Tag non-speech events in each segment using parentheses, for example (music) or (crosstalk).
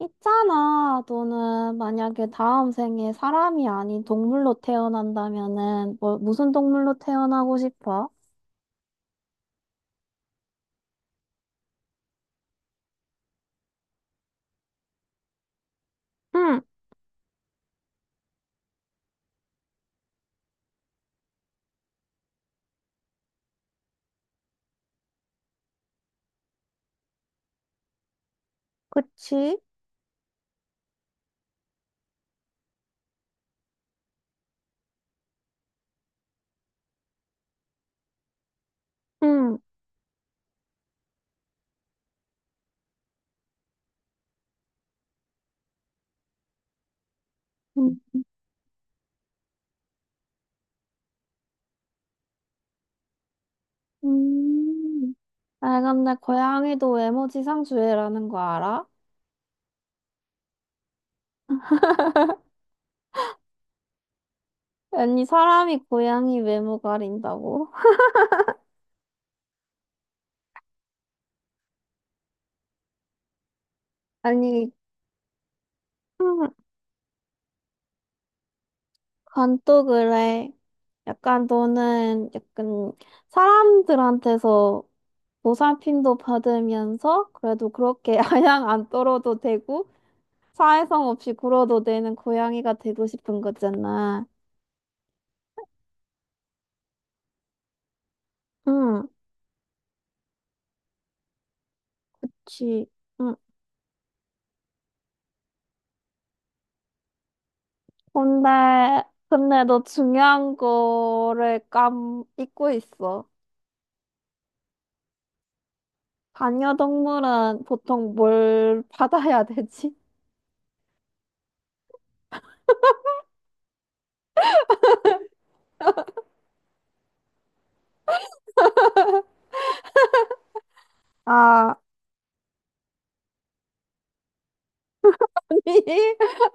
있잖아, 너는 만약에 다음 생에 사람이 아닌 동물로 태어난다면은 뭐 무슨 동물로 태어나고 싶어? 응, 그치? 응, 음. 음. 아, 근데 고양이도 외모지상주의라는 거 알아? 아니, 사람이 고양이 외모 가린다고? (laughs) 아니, 응. 그건 또 그래. 약간 너는 약간 사람들한테서 보살핌도 받으면서 그래도 그렇게 (laughs) 아양 안 떨어도 되고 사회성 없이 굴어도 되는 고양이가 되고 싶은 거잖아. 응, 그치. 응. 근데, 근데 너 중요한 거를 깜 잊고 있어. 반려동물은 보통 뭘 (laughs) 받아야 되지? 아, (laughs)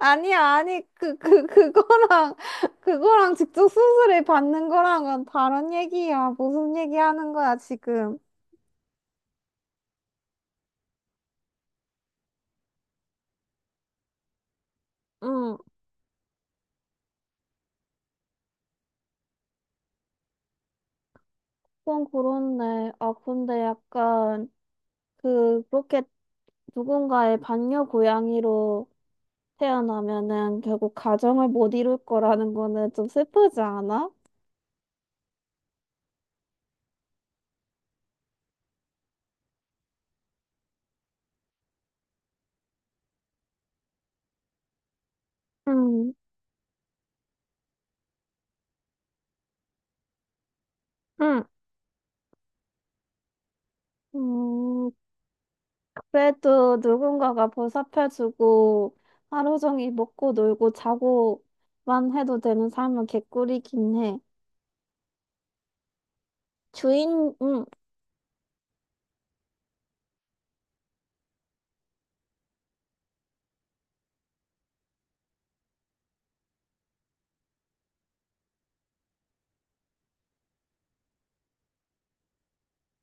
아니, 아니야, 아니, 그거랑 직접 수술을 받는 거랑은 다른 얘기야. 무슨 얘기 하는 거야, 지금? 응, 그건 그렇네. 아, 근데 약간, 그렇게 누군가의 반려 고양이로 태어나면은 결국 가정을 못 이룰 거라는 거는 좀 슬프지 않아? 응, 응, 음, 그래도 누군가가 보살펴주고 하루 종일 먹고 놀고 자고만 해도 되는 삶은 개꿀이긴 해. 주인, 응,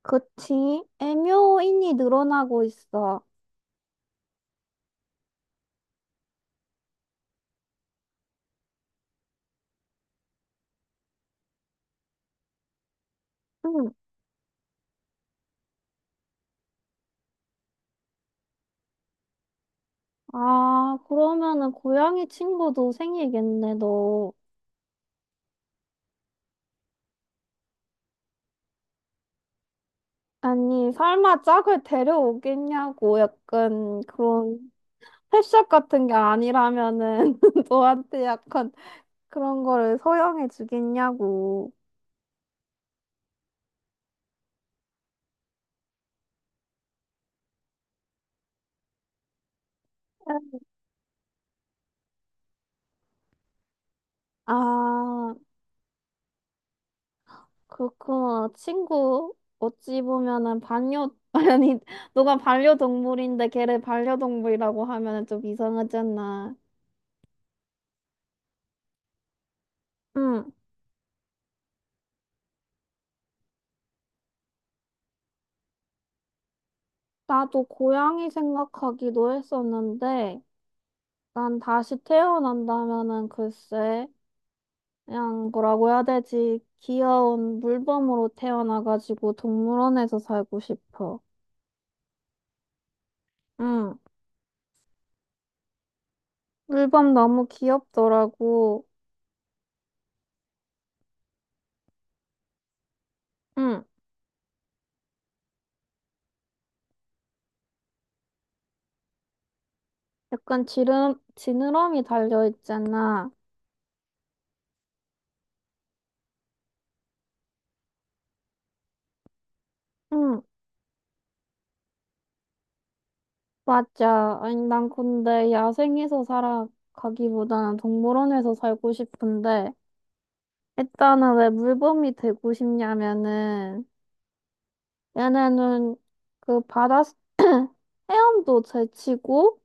그치. 애묘인이 늘어나고 있어. 아, 그러면은 고양이 친구도 생기겠네, 너. 아니, 설마 짝을 데려오겠냐고, 약간 그런 펫샵 같은 게 아니라면은 (laughs) 너한테 약간 그런 거를 소형해 주겠냐고. 아, 그렇구나. 친구, 어찌 보면은 반려, (laughs) 아니, 너가 반려동물인데 걔를 반려동물이라고 하면은 좀 이상하잖아. 응, 나도 고양이 생각하기도 했었는데, 난 다시 태어난다면은 글쎄, 그냥 뭐라고 해야 되지? 귀여운 물범으로 태어나가지고 동물원에서 살고 싶어. 응. 물범 너무 귀엽더라고. 응. 약간 지름, 지느러미 달려있잖아. 응. 맞아. 아니, 난 근데 야생에서 살아가기보다는 동물원에서 살고 싶은데, 일단은 왜 물범이 되고 싶냐면은, 얘네는 그 바다 헤엄도 잘 치고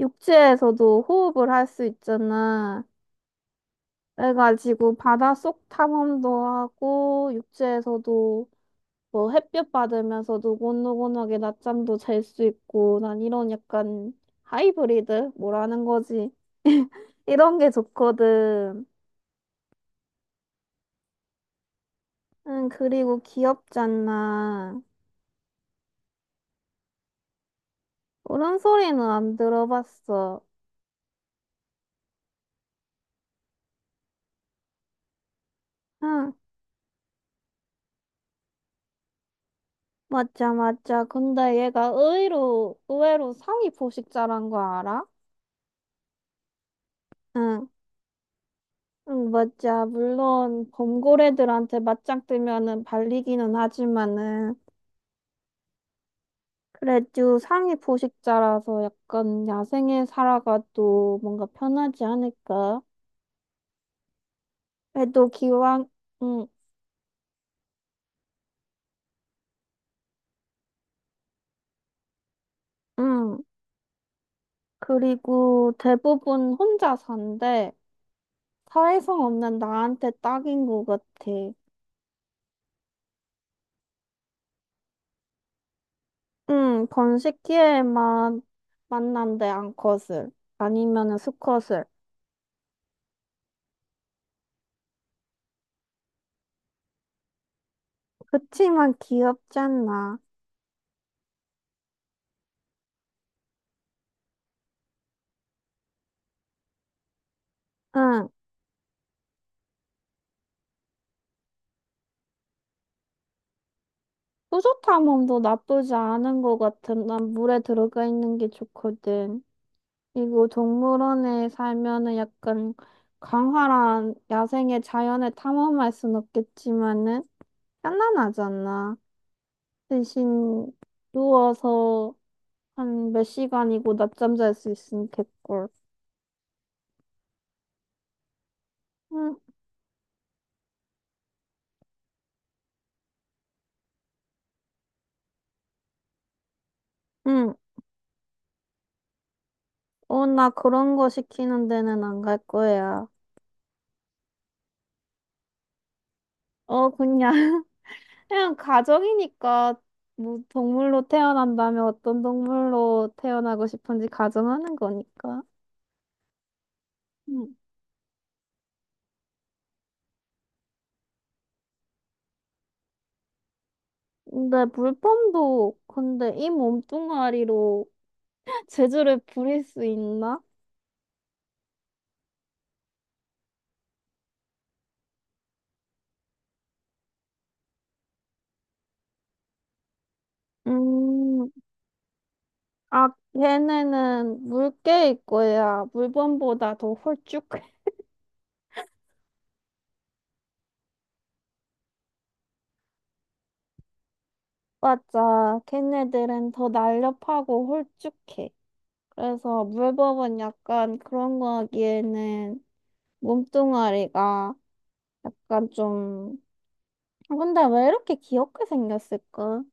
육지에서도 호흡을 할 수 있잖아. 그래가지고 바닷속 탐험도 하고 육지에서도 뭐 햇볕 받으면서 노곤노곤하게 낮잠도 잘 수 있고 난 이런 약간 하이브리드 뭐라는 거지? 이런 게 좋거든. 응, 그리고 귀엽지 않나. 울음소리는 안 들어봤어. 응. 맞아, 맞아. 근데 얘가 의외로 상위 포식자란 거 알아? 응 응, 맞아. 물론 범고래들한테 맞짱 뜨면은 발리기는 하지만은 그래도 상위 포식자라서 약간 야생에 살아가도 뭔가 편하지 않을까? 그래도 기왕 응, 응. 그리고 대부분 혼자 산대. 사회성 없는 나한테 딱인 것 같아. 응, 번식기에만 만난대 암컷을 아니면은 수컷을. 그치만 귀엽잖아. 응. 뿌듯함도 나쁘지 않은 것 같은. 난 물에 들어가 있는 게 좋거든. 그리고 동물원에 살면은 약간 강활한 야생의 자연을 탐험할 순 없겠지만은 편안하잖아. 대신 누워서 한 몇 시간이고 낮잠 잘 수 있으면 됐걸. 응, 응. 어, 나 그런 거 시키는 데는 안 갈 거야. 어, 그냥. 그냥 가정이니까 뭐 동물로 태어난다면 어떤 동물로 태어나고 싶은지 가정하는 거니까. 음. 근데 물범도 근데 이 몸뚱아리로 (laughs) 재주를 부릴 수 있나? 음, 아, 걔네는 물개일 거야. 물범보다 더 홀쭉해. (laughs) 맞아. 걔네들은 더 날렵하고 홀쭉해. 그래서 물범은 약간 그런 거 하기에는 몸뚱아리가 약간 좀, 아, 근데 왜 이렇게 귀엽게 생겼을까?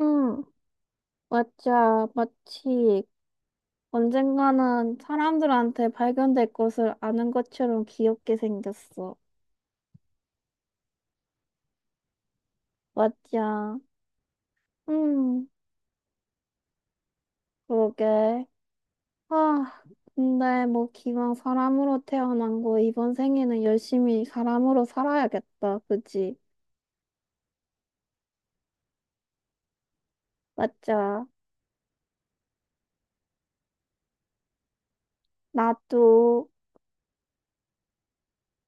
응, 맞아. 마치 언젠가는 사람들한테 발견될 것을 아는 것처럼 귀엽게 생겼어. 맞아. 응, 그러게. 아, 근데 뭐 기왕 사람으로 태어난 거 이번 생에는 열심히 사람으로 살아야겠다. 그지? 맞아. 나도.